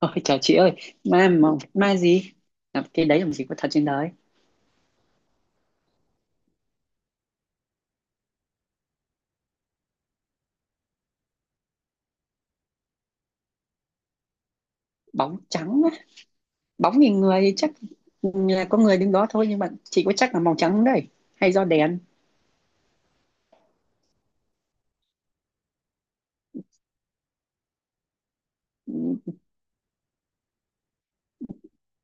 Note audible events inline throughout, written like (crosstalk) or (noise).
Ôi, chào chị ơi, ma mà, ma gì? Cái đấy làm gì có thật trên đời? Bóng trắng á, bóng thì người thì chắc là có người đứng đó thôi, nhưng mà chị có chắc là màu trắng không đấy hay do đèn? Ừ,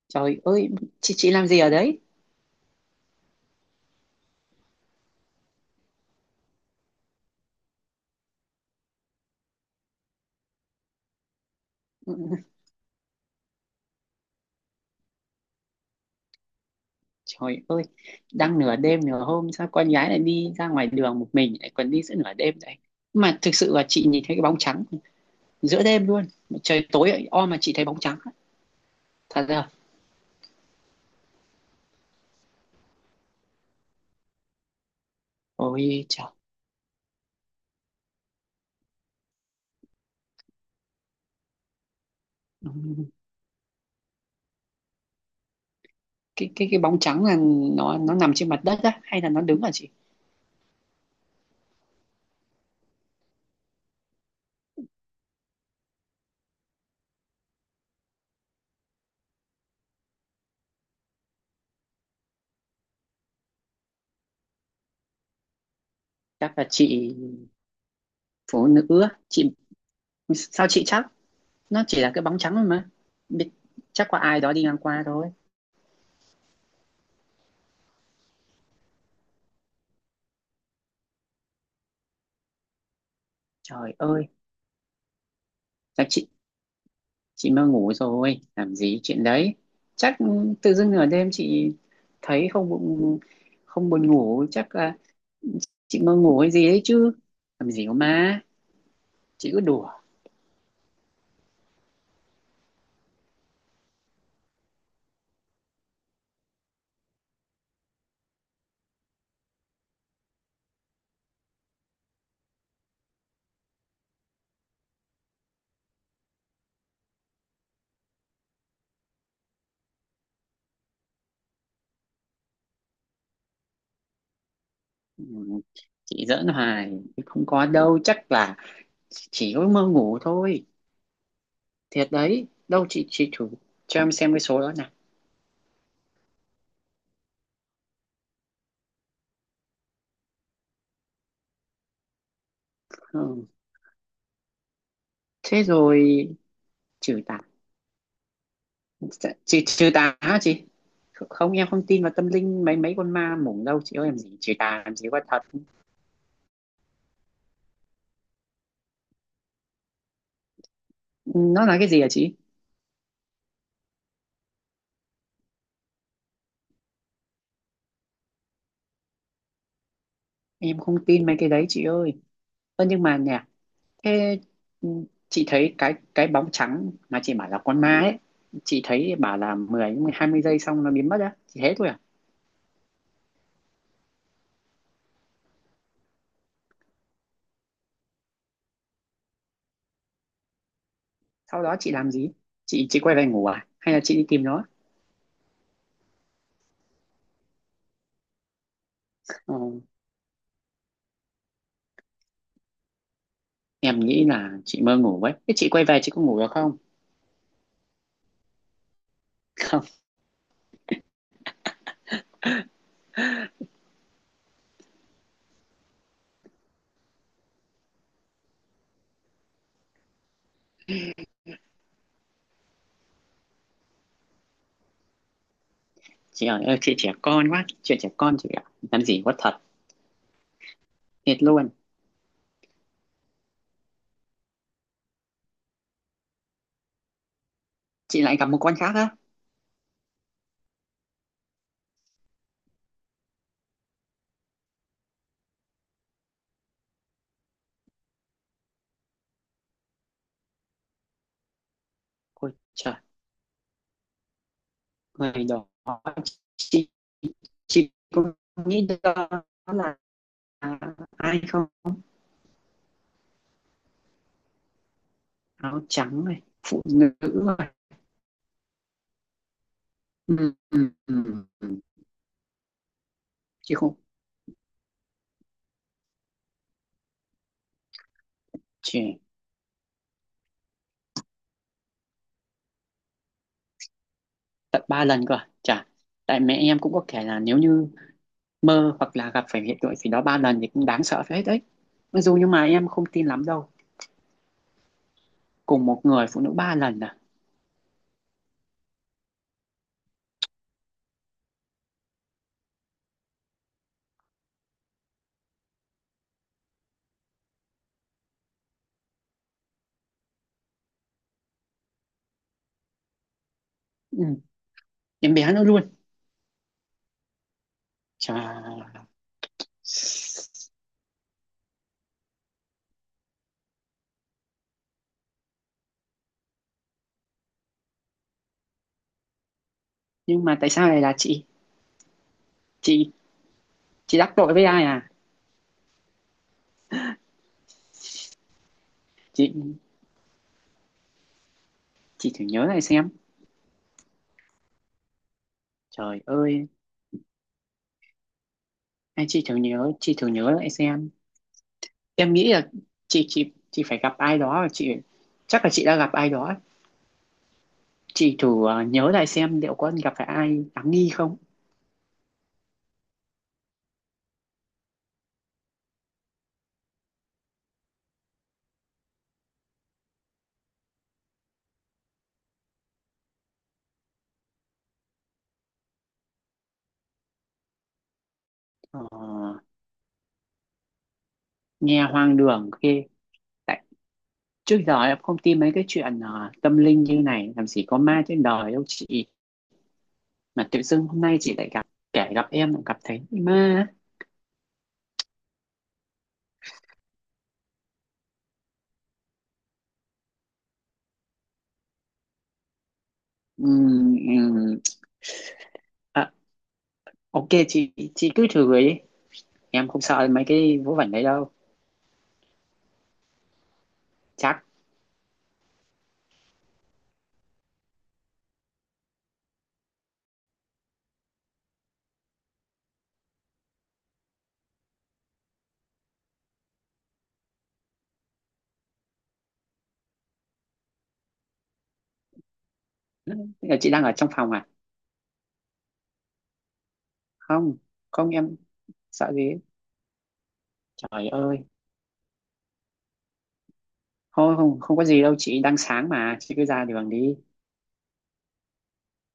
trời ơi, chị làm gì ở đấy? (laughs) Ừ, trời ơi, đang nửa đêm nửa hôm sao con gái lại đi ra ngoài đường một mình, lại còn đi giữa nửa đêm vậy? Mà thực sự là chị nhìn thấy cái bóng trắng giữa đêm luôn, trời tối o mà chị thấy bóng trắng á. Thật ra, ôi trời. Ừ, cái bóng trắng là nó nằm trên mặt đất á hay là nó đứng hả chị? Chắc là chị phụ nữ á. Chị sao chị chắc nó chỉ là cái bóng trắng thôi mà. Biết- Chắc có ai đó đi ngang qua thôi. Trời ơi, chắc chị mơ ngủ rồi, làm gì chuyện đấy. Chắc tự dưng nửa đêm chị thấy không buồn, không buồn ngủ, chắc là chị mơ ngủ hay gì đấy chứ, làm gì có má, chị cứ đùa. Ừ, chị giỡn hoài, không có đâu, chắc là chỉ có mơ ngủ thôi. Thiệt đấy, đâu chị thử cho em xem cái số đó nào. Ừ. Thế rồi trừ tà chị trừ tà hả chị? Không, em không tin vào tâm linh, mấy mấy con ma mủng đâu chị ơi, làm gì trừ tà, làm gì có thật. Ừ, nó là cái gì hả chị? Em không tin mấy cái đấy chị ơi. Ơ nhưng mà nè, thế, ừ, chị thấy cái bóng trắng mà chị bảo là con ma ấy, chị thấy bảo là 10-20 giây xong nó biến mất á, chị thế thôi à? Sau đó chị làm gì? Chị quay về ngủ à hay là chị đi tìm nó? Ừ. Em nghĩ là chị mơ ngủ ấy. Thế chị quay về chị có ngủ được không? (laughs) Không chị ơi ơi, chị trẻ con quá, chuyện trẻ con chị ạ, làm gì quá thật. Thiệt luôn, chị lại gặp một con khác á? Ôi trời, người đó chị chị có nghĩ đó là ai không? Áo trắng này, phụ nữ rồi. Ừ, ừ, ừ. Chị không chị, tận ba lần cơ à? Chả, tại mẹ em cũng có kể là nếu như mơ hoặc là gặp phải hiện tượng gì đó ba lần thì cũng đáng sợ phết đấy, mặc dù nhưng mà em không tin lắm đâu. Cùng một người phụ nữ ba lần à? Ừ, em bé nữa luôn. Trời, nhưng mà tại sao lại là chị chị đắc tội với ai à? Chị chị thử nhớ lại xem. Trời ơi, anh chị thử nhớ lại xem. Em nghĩ là chị phải gặp ai đó, và chị chắc là chị đã gặp ai đó. Chị thử, nhớ lại xem liệu có gặp phải ai đáng nghi không. ờ, nghe hoang đường ghê, tại trước giờ em không tin mấy cái chuyện tâm linh như này, làm gì có ma trên đời đâu chị. Mà tự dưng hôm nay chị lại gặp, kể gặp em lại gặp thấy ma. Ừm, à, ok chị cứ thử ấy, em không sợ mấy cái vớ vẩn đấy đâu. Chắc. Thế, là chị đang ở trong phòng à? Không, không em sợ gì ấy. Trời ơi, thôi không, không có gì đâu chị, đang sáng mà chị cứ ra đường đi,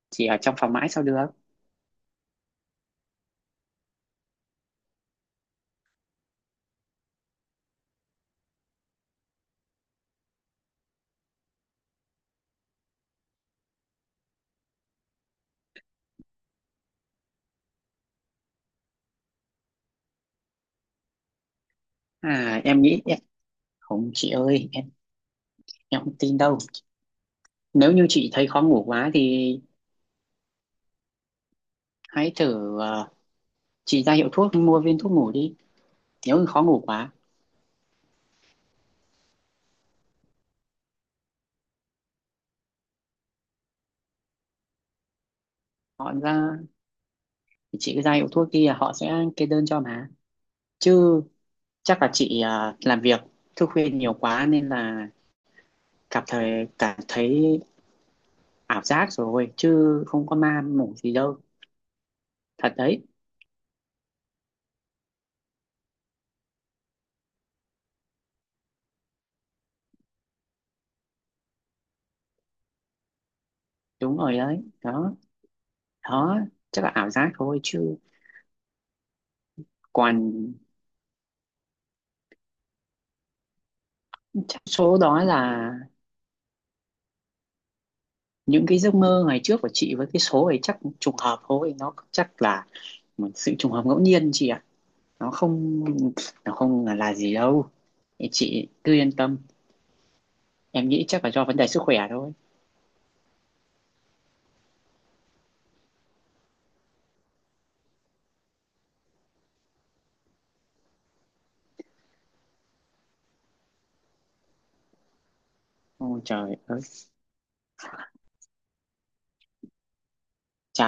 chị ở trong phòng mãi sao được? À em nghĩ không chị ơi, em không tin đâu. Nếu như chị thấy khó ngủ quá thì hãy thử, chị ra hiệu thuốc mua viên thuốc ngủ đi, nếu như khó ngủ quá. Họ ra Thì chị cứ ra hiệu thuốc kia họ sẽ kê đơn cho mà. Chứ chắc là chị, làm việc thức khuya nhiều quá nên là cảm thấy ảo giác rồi chứ không có ma mủ gì đâu, thật đấy. Đúng rồi đấy, đó, đó, chắc là ảo giác thôi chứ. Còn chắc số đó là những cái giấc mơ ngày trước của chị với cái số ấy chắc trùng hợp thôi, nó chắc là một sự trùng hợp ngẫu nhiên chị ạ, nó không nó không là gì đâu. Thì chị cứ yên tâm, em nghĩ chắc là do vấn đề sức khỏe thôi. Ôi trời ơi, chà,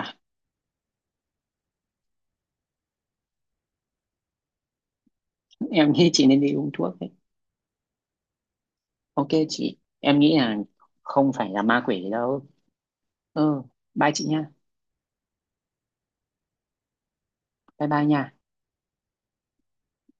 em nghĩ chị nên đi uống thuốc đấy. Ok chị, em nghĩ là không phải là ma quỷ đâu. Ừ, bye chị nha, bye bye nha.